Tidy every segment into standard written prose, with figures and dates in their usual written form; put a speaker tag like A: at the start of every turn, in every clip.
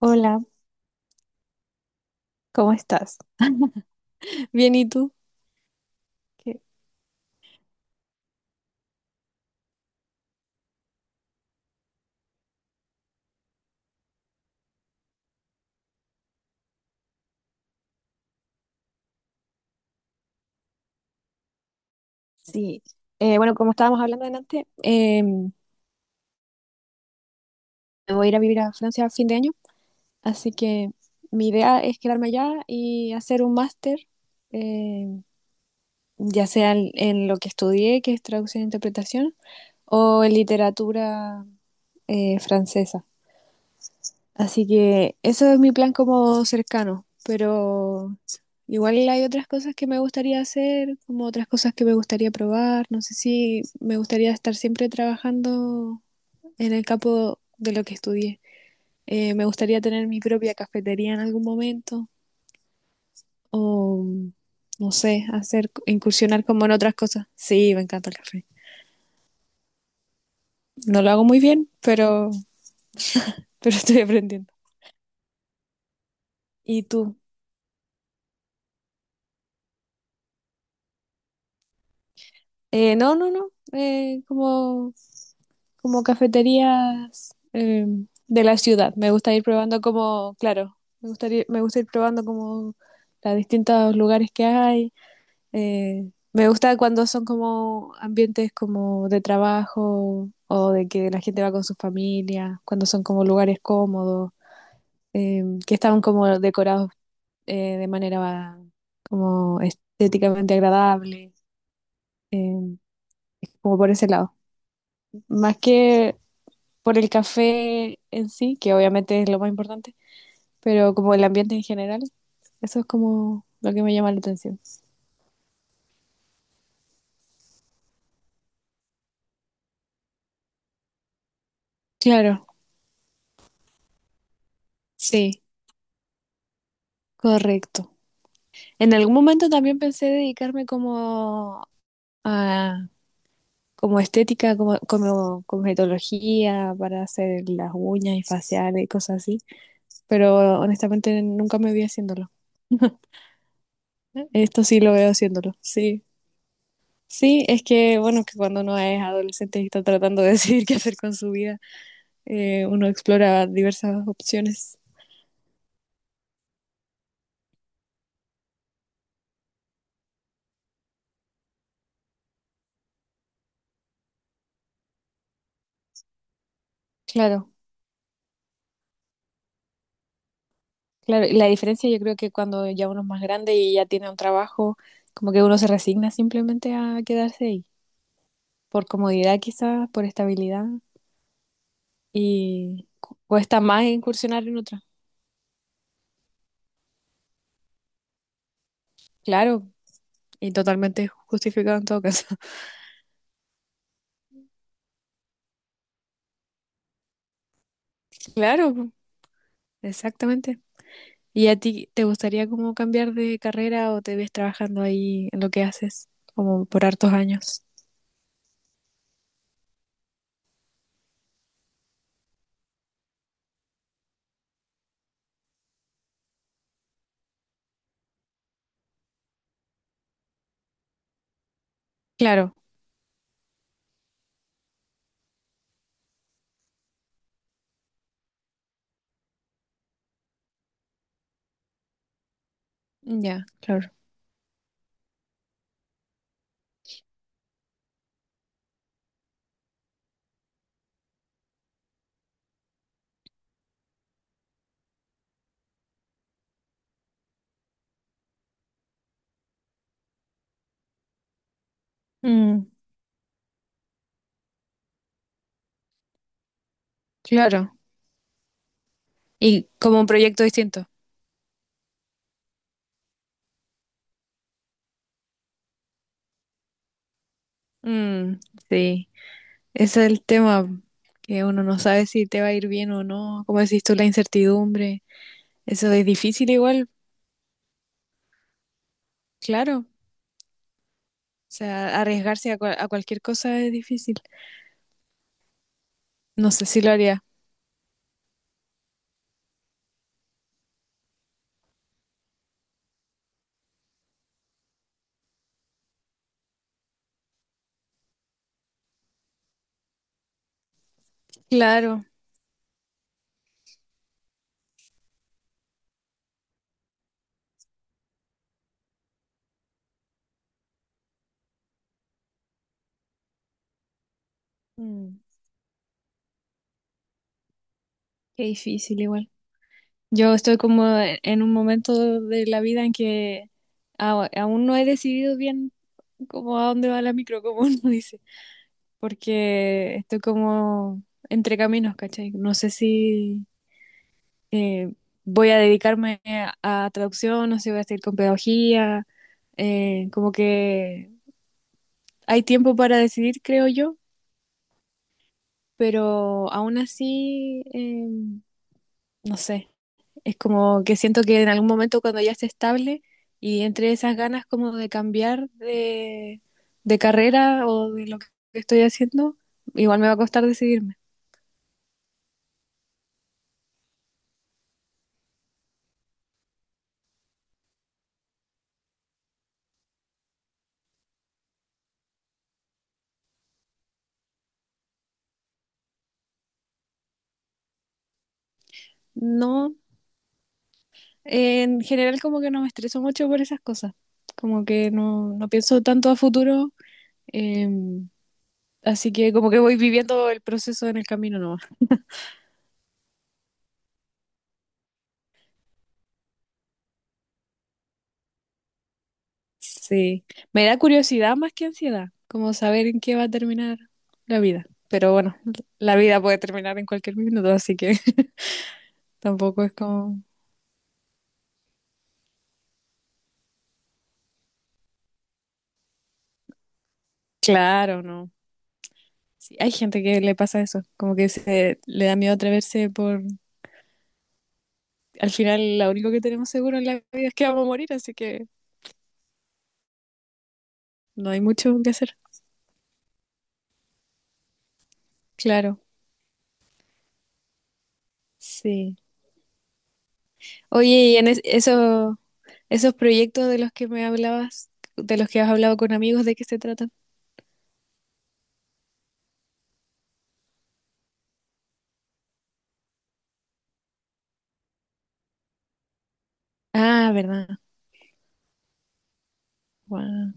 A: Hola, ¿cómo estás? Bien, ¿y tú? ¿Qué? Sí, bueno, como estábamos hablando delante, me voy a ir a vivir a Francia a fin de año, así que mi idea es quedarme allá y hacer un máster, eh, ya sea en lo que estudié, que es traducción e interpretación, o en literatura francesa. Así que eso es mi plan como cercano, pero igual hay otras cosas que me gustaría hacer, como otras cosas que me gustaría probar. No sé si me gustaría estar siempre trabajando en el campo de lo que estudié. Me gustaría tener mi propia cafetería en algún momento o, no sé, hacer, incursionar como en otras cosas. Sí, me encanta el café. No lo hago muy bien, pero, pero estoy aprendiendo. ¿Y tú? No, no, no. Como, como cafeterías de la ciudad. Me gusta ir probando como, claro, me gustaría, me gusta ir probando como los distintos lugares que hay. Me gusta cuando son como ambientes como de trabajo o de que la gente va con su familia, cuando son como lugares cómodos, que están como decorados de manera como estéticamente agradable, eh, como por ese lado. Más que por el café en sí, que obviamente es lo más importante, pero como el ambiente en general, eso es como lo que me llama la atención. Claro, sí, correcto. En algún momento también pensé dedicarme como a como estética, como, como cosmetología para hacer las uñas y faciales y cosas así, pero honestamente nunca me vi haciéndolo. Esto sí lo veo haciéndolo, sí. Sí, es que bueno, que cuando uno es adolescente y está tratando de decidir qué hacer con su vida, uno explora diversas opciones. Claro, claro. Y la diferencia yo creo que cuando ya uno es más grande y ya tiene un trabajo, como que uno se resigna simplemente a quedarse ahí, por comodidad quizás, por estabilidad, y cuesta más incursionar en otra. Claro, y totalmente justificado en todo caso. Claro, exactamente. ¿Y a ti te gustaría como cambiar de carrera o te ves trabajando ahí en lo que haces como por hartos años? Claro, ya, claro. Mm, claro. Y como un proyecto distinto. Mm, sí, ese es el tema que uno no sabe si te va a ir bien o no, como decís tú, la incertidumbre. Eso es difícil igual, claro. O sea, arriesgarse a, a cualquier cosa es difícil. No sé si lo haría. Claro. Mm, qué difícil igual. Yo estoy como en un momento de la vida en que aún no he decidido bien como a dónde va la micro, como uno dice, porque estoy como entre caminos, ¿cachai? No sé si eh, voy a dedicarme a traducción, no sé si voy a seguir con pedagogía, como que hay tiempo para decidir, creo yo, pero aún así, no sé. Es como que siento que en algún momento cuando ya esté estable y entre esas ganas como de cambiar de carrera o de lo que estoy haciendo, igual me va a costar decidirme. No, en general como que no me estreso mucho por esas cosas, como que no, no pienso tanto a futuro, eh, así que como que voy viviendo el proceso en el camino nomás. Sí, me da curiosidad más que ansiedad, como saber en qué va a terminar la vida. Pero bueno, la vida puede terminar en cualquier minuto, así que... Tampoco es como, claro, no. Sí, hay gente que le pasa eso, como que se le da miedo atreverse por, al final lo único que tenemos seguro en la vida es que vamos a morir, así que no hay mucho que hacer. Claro, sí. Oye, y en eso, esos proyectos de los que me hablabas, de los que has hablado con amigos, ¿de qué se tratan? Ah, verdad. Guau.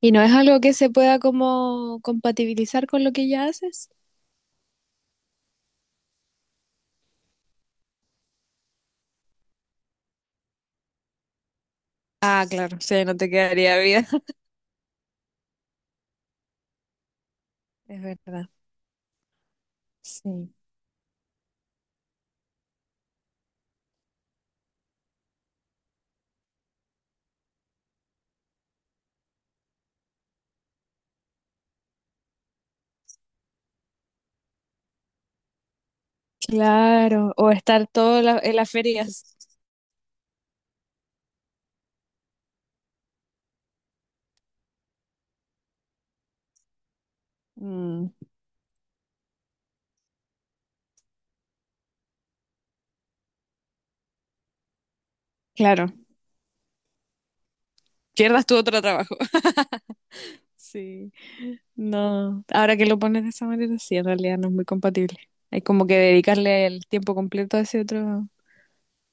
A: ¿Y no es algo que se pueda como compatibilizar con lo que ya haces? Ah, claro, sí, no te quedaría vida. Es verdad, sí. Claro, o estar todo en las ferias. Mm, claro, pierdas tu otro trabajo. Sí, no, ahora que lo pones de esa manera, sí, en realidad no es muy compatible. Hay como que dedicarle el tiempo completo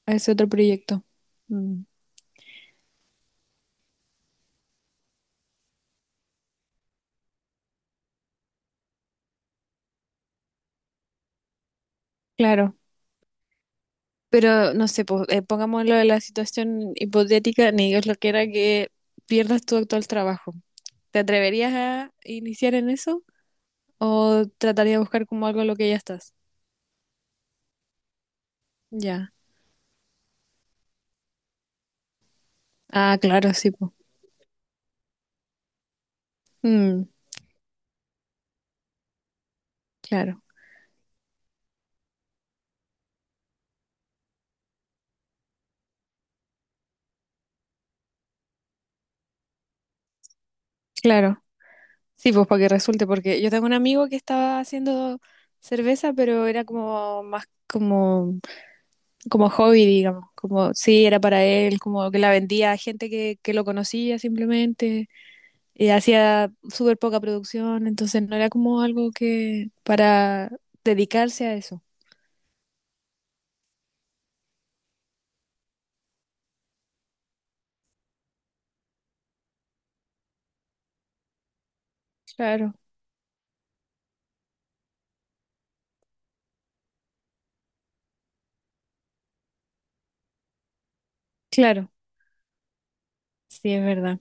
A: a ese otro proyecto. Mm, claro, pero no sé, pongámoslo en la situación hipotética, ni Dios lo quiera que pierdas tu actual trabajo. ¿Te atreverías a iniciar en eso o tratarías de buscar como algo en lo que ya estás? Ya. Ah, claro, sí, pues. Mm, claro, claro. Sí, pues para que resulte, porque yo tengo un amigo que estaba haciendo cerveza, pero era como más como, como hobby, digamos. Como, sí, era para él, como que la vendía a gente que lo conocía simplemente. Y hacía súper poca producción, entonces no era como algo que para dedicarse a eso. Claro, claro, sí, es verdad.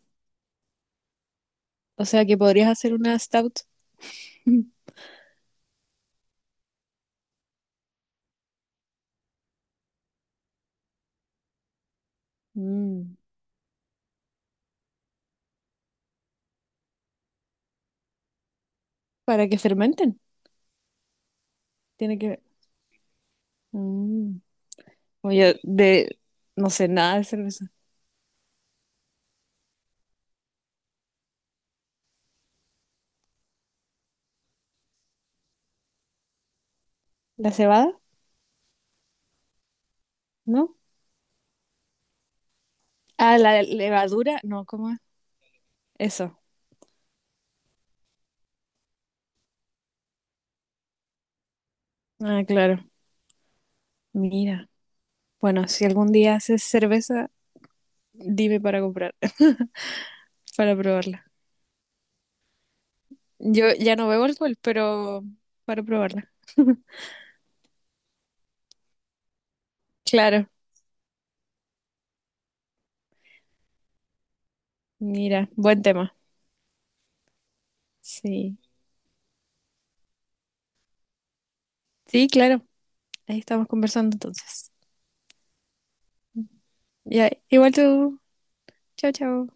A: O sea que podrías hacer una stout. Mm, para que fermenten. Tiene que ver. Oye, de, no sé nada de cerveza. ¿La cebada? ¿No? Ah, la levadura, no, ¿cómo es? Eso. Ah, claro. Mira. Bueno, si algún día haces cerveza, dime para comprar, para probarla. Yo ya no bebo alcohol, pero para probarla. Claro. Mira, buen tema. Sí. Sí, claro. Ahí estamos conversando entonces. Ya, igual tú. Chao, chao.